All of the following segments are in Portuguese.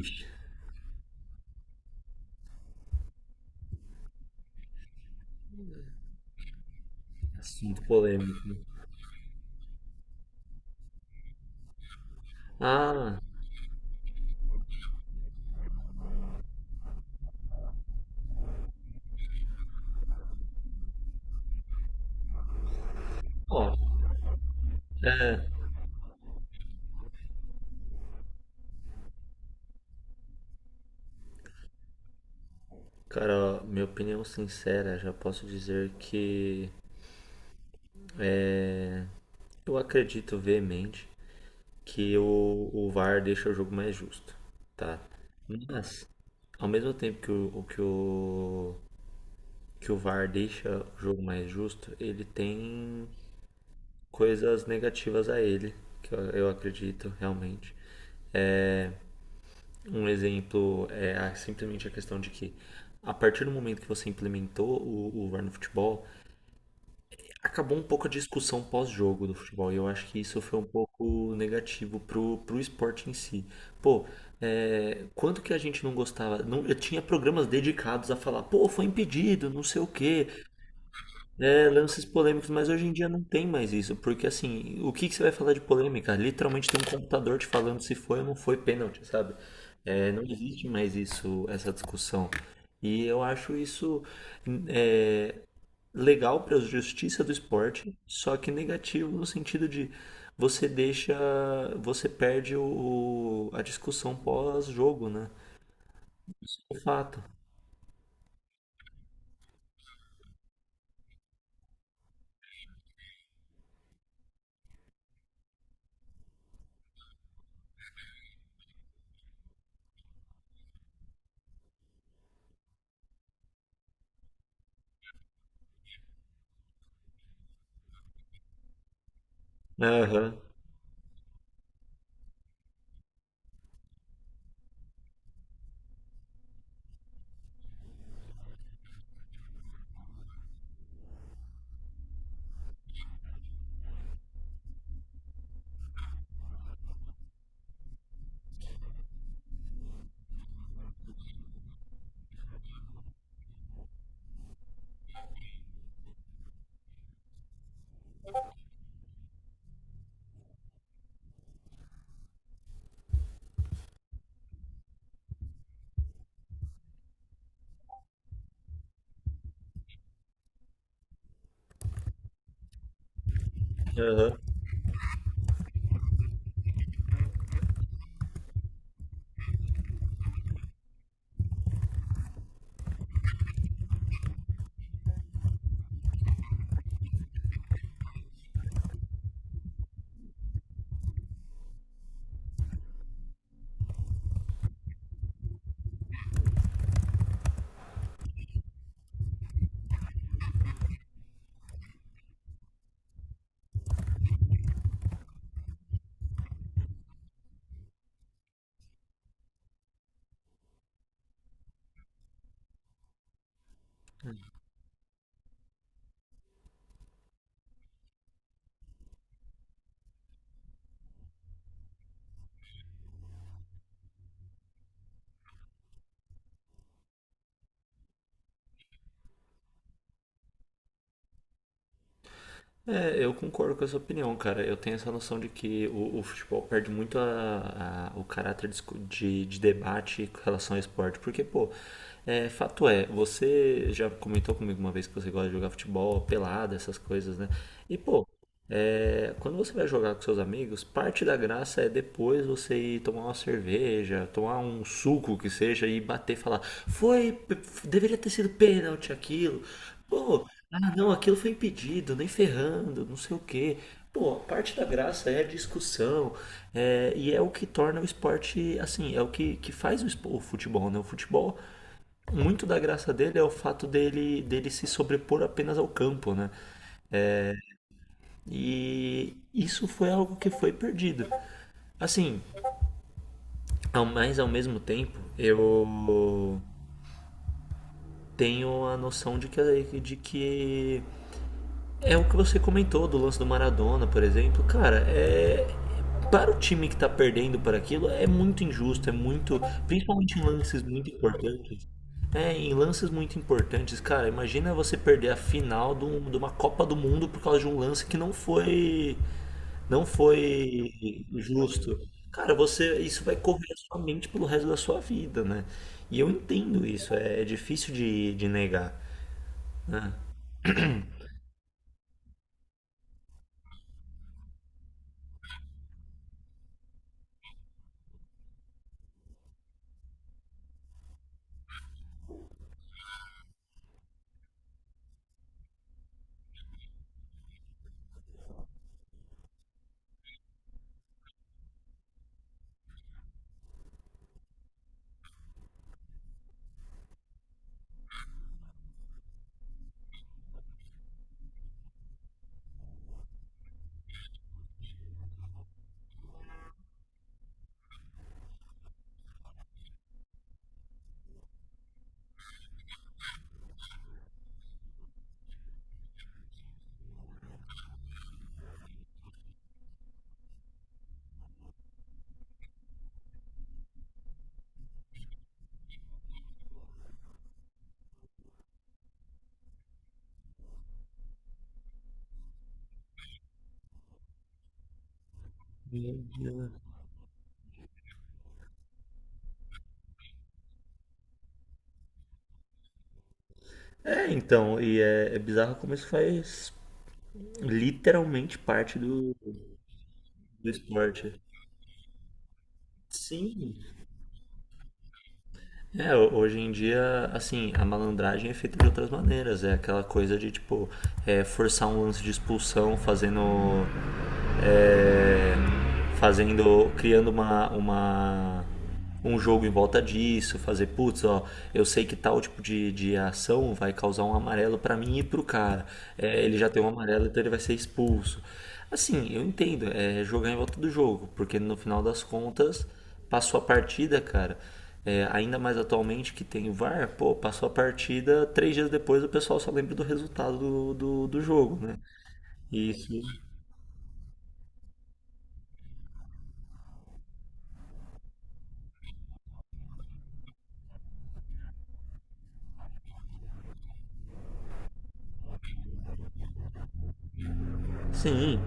Ixi, assunto polêmico, né? Ah, ó, é. Cara, ó, minha opinião sincera, já posso dizer que eu acredito veemente que o VAR deixa o jogo mais justo, tá? Mas, ao mesmo tempo que que o VAR deixa o jogo mais justo, ele tem coisas negativas a ele, que eu acredito realmente. Um exemplo é simplesmente a questão de que, a partir do momento que você implementou o VAR no futebol, acabou um pouco a discussão pós-jogo do futebol. E eu acho que isso foi um pouco negativo pro esporte em si. Pô, quanto que a gente não gostava? Não, eu tinha programas dedicados a falar, pô, foi impedido, não sei o quê. É, lances polêmicos, mas hoje em dia não tem mais isso, porque assim, o que que você vai falar de polêmica? Literalmente tem um computador te falando se foi ou não foi pênalti, sabe? É, não existe mais isso, essa discussão. E eu acho isso é, legal para a justiça do esporte, só que negativo no sentido de você deixa, você perde a discussão pós-jogo, né? De fato. Aham, aham. É, eu concordo com essa opinião, cara. Eu tenho essa noção de que o futebol perde muito o caráter de debate com relação ao esporte. Porque, pô, fato é, você já comentou comigo uma vez que você gosta de jogar futebol, pelada, essas coisas, né? E, pô, quando você vai jogar com seus amigos, parte da graça é depois você ir tomar uma cerveja, tomar um suco que seja e bater e falar: Foi, p- deveria ter sido pênalti aquilo. Pô, ah não, aquilo foi impedido, nem ferrando, não sei o quê. Pô, parte da graça é a discussão, e é o que torna o esporte assim, é o que faz o futebol, né? O futebol, muito da graça dele é o fato dele se sobrepor apenas ao campo, né? E isso foi algo que foi perdido. Assim, mas ao mesmo tempo, eu tenho a noção de que é o que você comentou do lance do Maradona, por exemplo. Cara, é. Para o time que tá perdendo por aquilo, é muito injusto, é muito. Principalmente em lances muito importantes. É, em lances muito importantes, cara, imagina você perder a final de uma Copa do Mundo por causa de um lance que não foi justo. Cara, você, isso vai correr a sua mente pelo resto da sua vida, né? E eu entendo isso, é difícil de negar. E, É, é, então, e é bizarro como isso faz literalmente parte do esporte. Sim, é, hoje em dia, assim, a malandragem é feita de outras maneiras. É aquela coisa de, tipo, forçar um lance de expulsão fazendo. É, fazendo. Criando uma, uma. Um jogo em volta disso. Fazer, putz, ó, eu sei que tal tipo de ação vai causar um amarelo pra mim e pro cara. É, ele já tem um amarelo, então ele vai ser expulso. Assim, eu entendo, é jogar em volta do jogo, porque no final das contas. Passou a partida, cara. É, ainda mais atualmente que tem o VAR, pô, passou a partida, 3 dias depois o pessoal só lembra do resultado do jogo, né? Isso. Sim.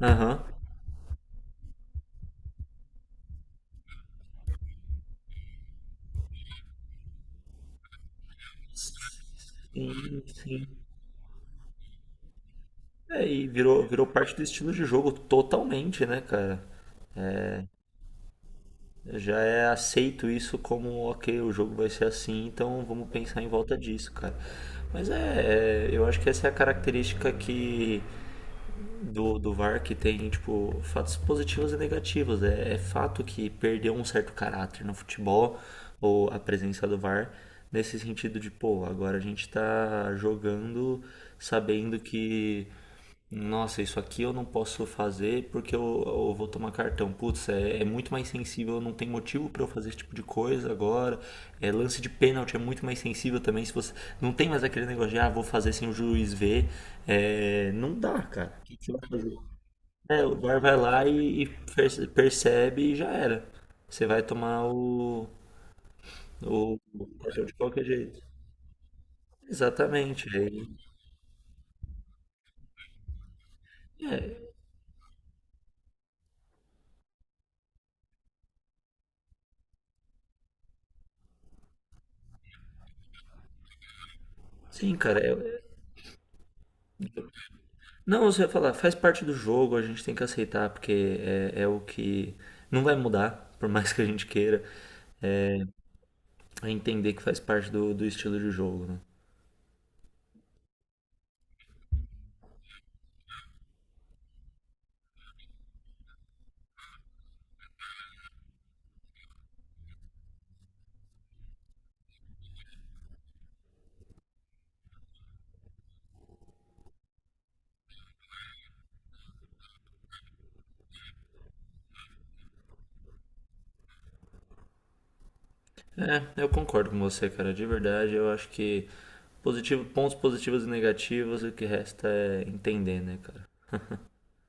Aham. Sim, sim. É, e virou, virou parte do estilo de jogo totalmente, né, cara? Já é aceito isso como, ok, o jogo vai ser assim, então vamos pensar em volta disso, cara. Mas eu acho que essa é a característica que do VAR que tem, tipo, fatos positivos e negativos. É, é fato que perdeu um certo caráter no futebol, ou a presença do VAR, nesse sentido de, pô, agora a gente tá jogando sabendo que, nossa, isso aqui eu não posso fazer porque eu vou tomar cartão. Putz, é muito mais sensível, não tem motivo pra eu fazer esse tipo de coisa agora. É, lance de pênalti é muito mais sensível também. Se você Não tem mais aquele negócio de, ah, vou fazer sem o juiz ver. É, não dá, cara. É, o VAR vai lá e, percebe e já era. Você vai tomar o cartão de qualquer jeito. Exatamente. Aí, é, sim, cara. Não, você vai falar, faz parte do jogo, a gente tem que aceitar, porque é o que não vai mudar, por mais que a gente queira, é entender que faz parte do estilo de jogo, né? É, eu concordo com você, cara. De verdade, eu acho que pontos positivos e negativos, o que resta é entender, né, cara?